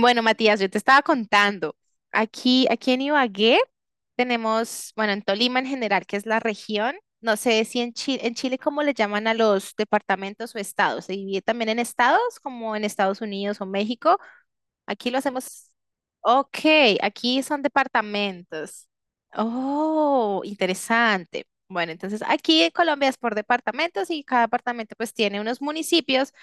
Bueno, Matías, yo te estaba contando, aquí en Ibagué tenemos, bueno, en Tolima en general, que es la región, no sé si en Chile, en Chile cómo le llaman a los departamentos o estados, se divide también en estados, como en Estados Unidos o México, aquí lo hacemos, ok, aquí son departamentos. Oh, interesante. Bueno, entonces aquí en Colombia es por departamentos y cada departamento pues tiene unos municipios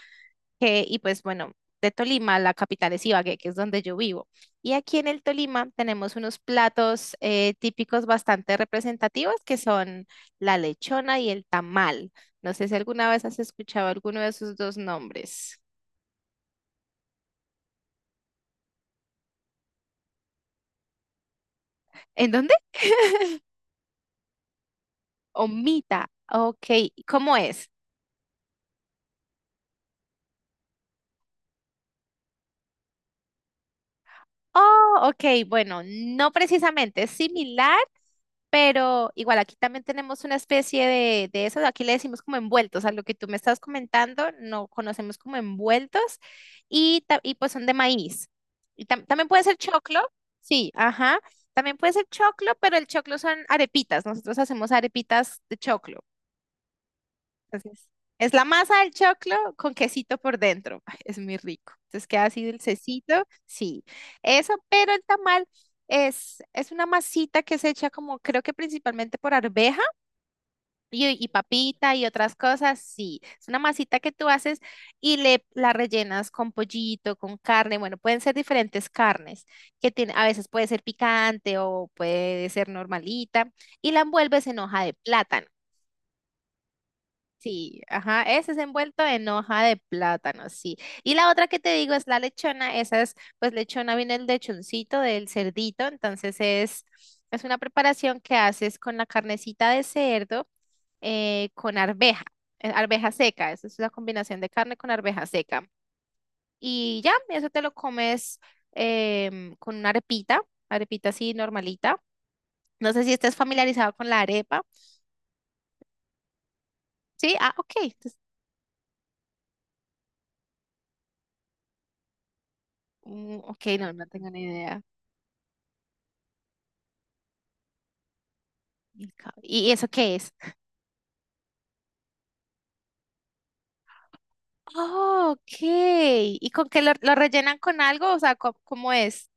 que, y pues bueno, de Tolima, la capital es Ibagué, que es donde yo vivo. Y aquí en el Tolima tenemos unos platos típicos bastante representativos que son la lechona y el tamal. No sé si alguna vez has escuchado alguno de esos dos nombres. ¿En dónde? Omita. Ok, ¿cómo es? Oh, ok, bueno, no precisamente, es similar. Pero igual aquí también tenemos una especie de eso, aquí le decimos como envueltos, a lo que tú me estás comentando, no conocemos como envueltos y, y pues son de maíz. Y también puede ser choclo, sí, ajá, también puede ser choclo, pero el choclo son arepitas, nosotros hacemos arepitas de choclo. Entonces, es la masa del choclo con quesito por dentro. Ay, es muy rico. Entonces queda así dulcecito. Sí, eso, pero el tamal es una masita que se echa como, creo que principalmente por arveja y papita y otras cosas. Sí, es una masita que tú haces y le, la rellenas con pollito, con carne. Bueno, pueden ser diferentes carnes que tiene, a veces puede ser picante o puede ser normalita y la envuelves en hoja de plátano. Sí, ajá, ese es envuelto en hoja de plátano, sí. Y la otra que te digo es la lechona, esa es, pues lechona viene el lechoncito del cerdito, entonces es una preparación que haces con la carnecita de cerdo con arveja, arveja seca, esa es la combinación de carne con arveja seca. Y ya, eso te lo comes con una arepita, arepita así normalita. No sé si estés familiarizado con la arepa. Sí, ah, ok, entonces, mm, ok, no, no tengo ni idea. ¿Y eso qué es? Oh, ok. ¿Y con qué lo rellenan con algo? O sea, ¿cómo, cómo es?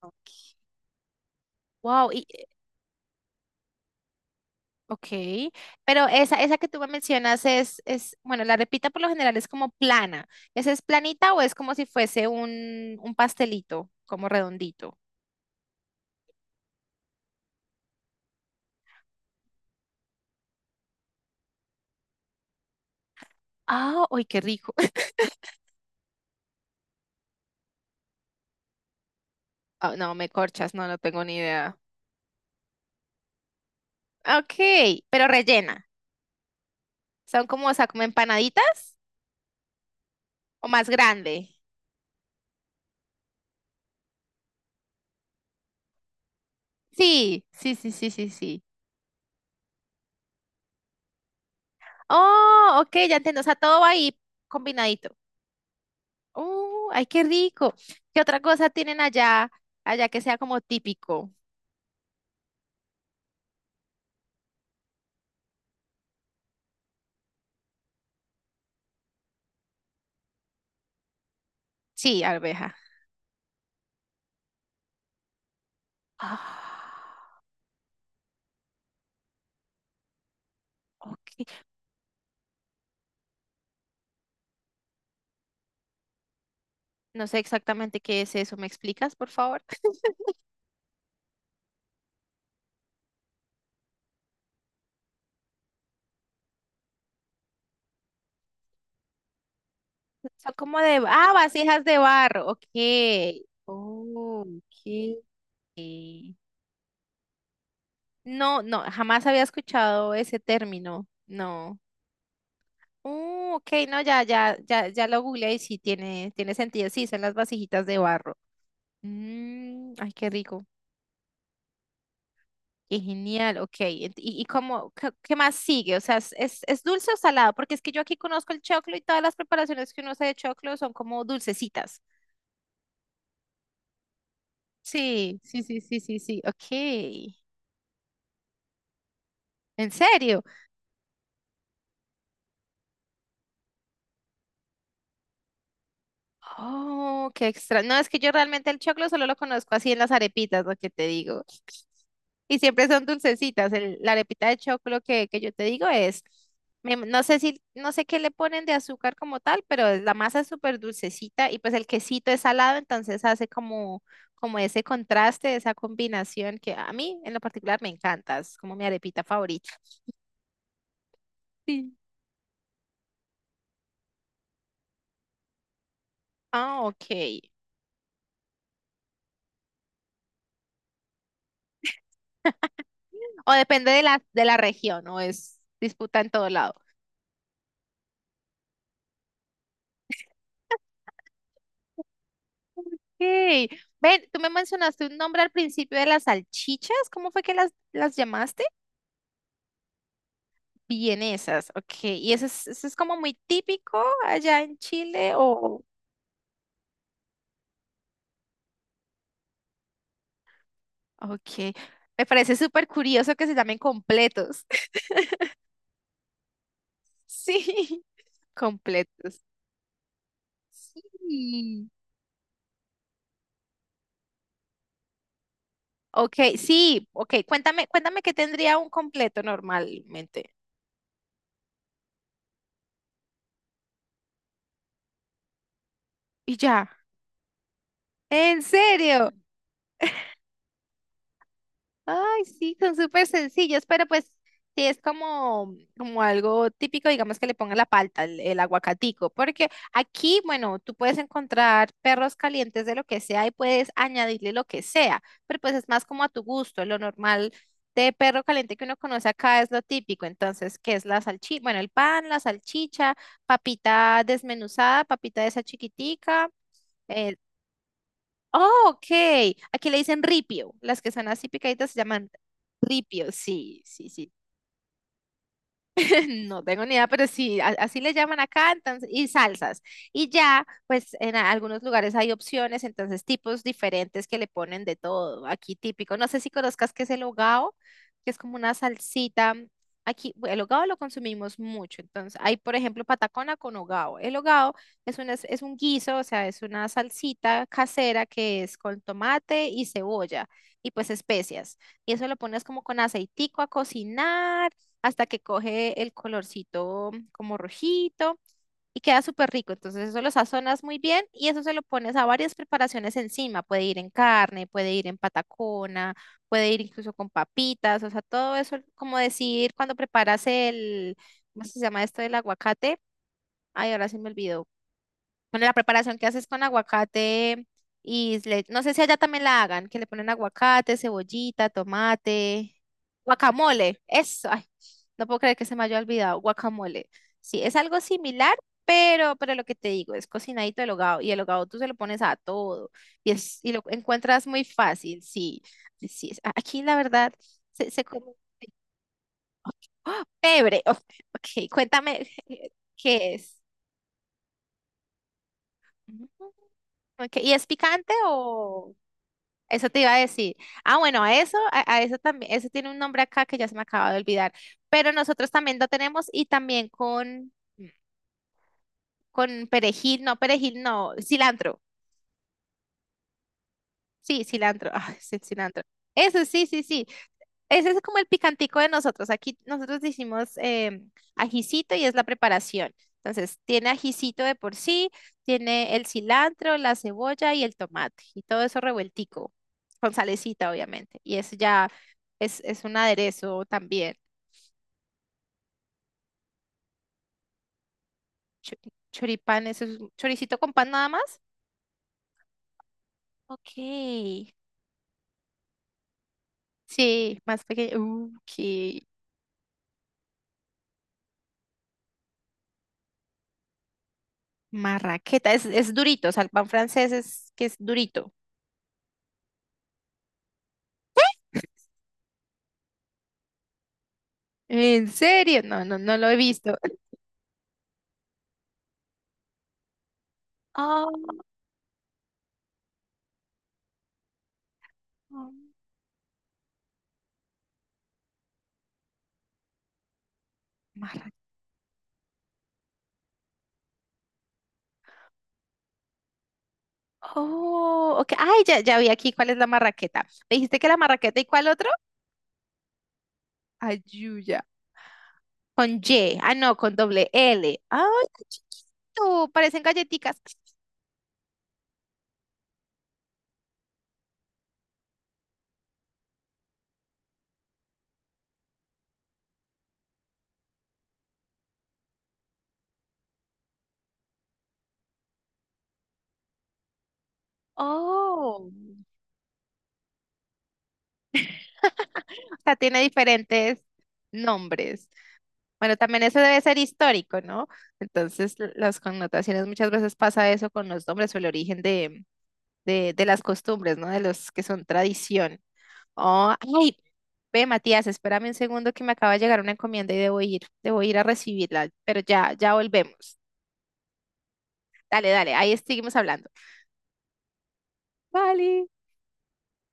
Ok. Wow, y, ok. Pero esa que tú me mencionas es, bueno, la repita por lo general es como plana. ¿Esa es planita o es como si fuese un pastelito, como redondito? Ah, uy, qué rico. Ah, no, me corchas, no, no tengo ni idea. Ok, pero rellena. Son como, o sea, como empanaditas o más grande. Sí, sí, sí, sí, sí, sí. Oh, ok, ya entiendo. O sea, todo va ahí combinadito. Oh, ay, qué rico. ¿Qué otra cosa tienen allá, allá que sea como típico? Sí, arveja. Ah, ok. No sé exactamente qué es eso. ¿Me explicas, por favor? Son como de, ah, vasijas de barro. Ok. Oh, ok. No, no, jamás había escuchado ese término. No. Ok, no, ya, ya, ya, ya lo googleé y sí tiene, tiene sentido. Sí, son las vasijitas de barro. Mm, ay, qué rico. Qué genial, ok. Y cómo, qué, qué más sigue? O sea, es dulce o salado? Porque es que yo aquí conozco el choclo y todas las preparaciones que uno hace de choclo son como dulcecitas. Sí, sí, sí, sí, sí, sí. Ok. ¿En serio? Oh, qué extra. No, es que yo realmente el choclo solo lo conozco así en las arepitas, lo que te digo. Y siempre son dulcecitas. La arepita de choclo que yo te digo es, no sé si, no sé qué le ponen de azúcar como tal, pero la masa es súper dulcecita y pues el quesito es salado, entonces hace como, como ese contraste, esa combinación que a mí en lo particular me encanta, es como mi arepita favorita. Sí. Ah, ok. O depende de la región, o es disputa en todo lado. Ok. Ven, tú me mencionaste un nombre al principio de las salchichas. ¿Cómo fue que las llamaste? Vienesas. Ok. ¿Y eso es como muy típico allá en Chile o...? Ok. Me parece súper curioso que se llamen completos. Sí, completos. Sí. Ok, sí. Ok, cuéntame, cuéntame qué tendría un completo normalmente. Y ya. ¿En serio? Ay, sí, son súper sencillos, pero pues sí es como, como algo típico, digamos que le pongan la palta, el aguacatico, porque aquí, bueno, tú puedes encontrar perros calientes de lo que sea y puedes añadirle lo que sea, pero pues es más como a tu gusto, lo normal de perro caliente que uno conoce acá es lo típico, entonces, ¿qué es la salchicha? Bueno, el pan, la salchicha, papita desmenuzada, papita de esa chiquitica. eh, Oh, ok. Aquí le dicen ripio. Las que son así picaditas se llaman ripio. Sí, sí, sí. No tengo ni idea, pero sí, así le llaman acá, entonces, y salsas. Y ya, pues en algunos lugares hay opciones, entonces tipos diferentes que le ponen de todo. Aquí típico, no sé si conozcas qué es el hogao, que es como una salsita. Aquí el hogao lo consumimos mucho, entonces hay, por ejemplo, patacona con hogao. El hogao es un guiso, o sea, es una salsita casera que es con tomate y cebolla y pues especias. Y eso lo pones como con aceitico a cocinar hasta que coge el colorcito como rojito y queda súper rico. Entonces eso lo sazonas muy bien y eso se lo pones a varias preparaciones encima. Puede ir en carne, puede ir en patacona, puede ir incluso con papitas, o sea, todo eso, como decir, cuando preparas el, ¿cómo se llama esto del aguacate? Ay, ahora se me olvidó. Bueno, la preparación que haces con aguacate y no sé si allá también la hagan, que le ponen aguacate, cebollita, tomate, guacamole, eso, ay, no puedo creer que se me haya olvidado, guacamole. Sí, es algo similar, pero lo que te digo, es cocinadito el hogao, y el hogao tú se lo pones a todo, y, es, y lo encuentras muy fácil, sí, sí, sí, aquí la verdad se, se come. ¡Ah! Pebre, ok, ok, cuéntame, ¿qué es? Ujú, ok, ¿y es picante o...? Eso te iba a decir. Ah, bueno, a eso también, eso tiene un nombre acá que ya se me acaba de olvidar. Pero nosotros también lo tenemos y también con perejil, no, cilantro. Sí, cilantro. Ah, es el cilantro. Eso sí, sí, sí. Ese es como el picantico de nosotros. Aquí nosotros decimos ajicito y es la preparación. Entonces, tiene ajicito de por sí, tiene el cilantro, la cebolla y el tomate y todo eso revueltico, con salecita, obviamente. Y eso ya es un aderezo también. Chu- Choripán, eso es un choricito con pan nada más. Ok. Sí, más pequeño. Qué marraqueta. Es durito, o sea, el pan francés es que es durito. ¿En serio? No, no, no lo he visto. Oh, marra- Oh, ok. Ay, ya, ya vi aquí cuál es la marraqueta. ¿Me dijiste que la marraqueta y cuál otro? Ayuya. Con Y. Ah, no, con doble L. Ay, qué chiquito. Parecen galletitas. Oh, o sea, tiene diferentes nombres. Bueno, también eso debe ser histórico, ¿no? Entonces, las connotaciones muchas veces pasa eso con los nombres o el origen de las costumbres, ¿no? De los que son tradición. Oh, ay, ve, Matías, espérame un segundo que me acaba de llegar una encomienda y debo ir a recibirla, pero ya, ya volvemos. Dale, dale, ahí seguimos hablando. Vale.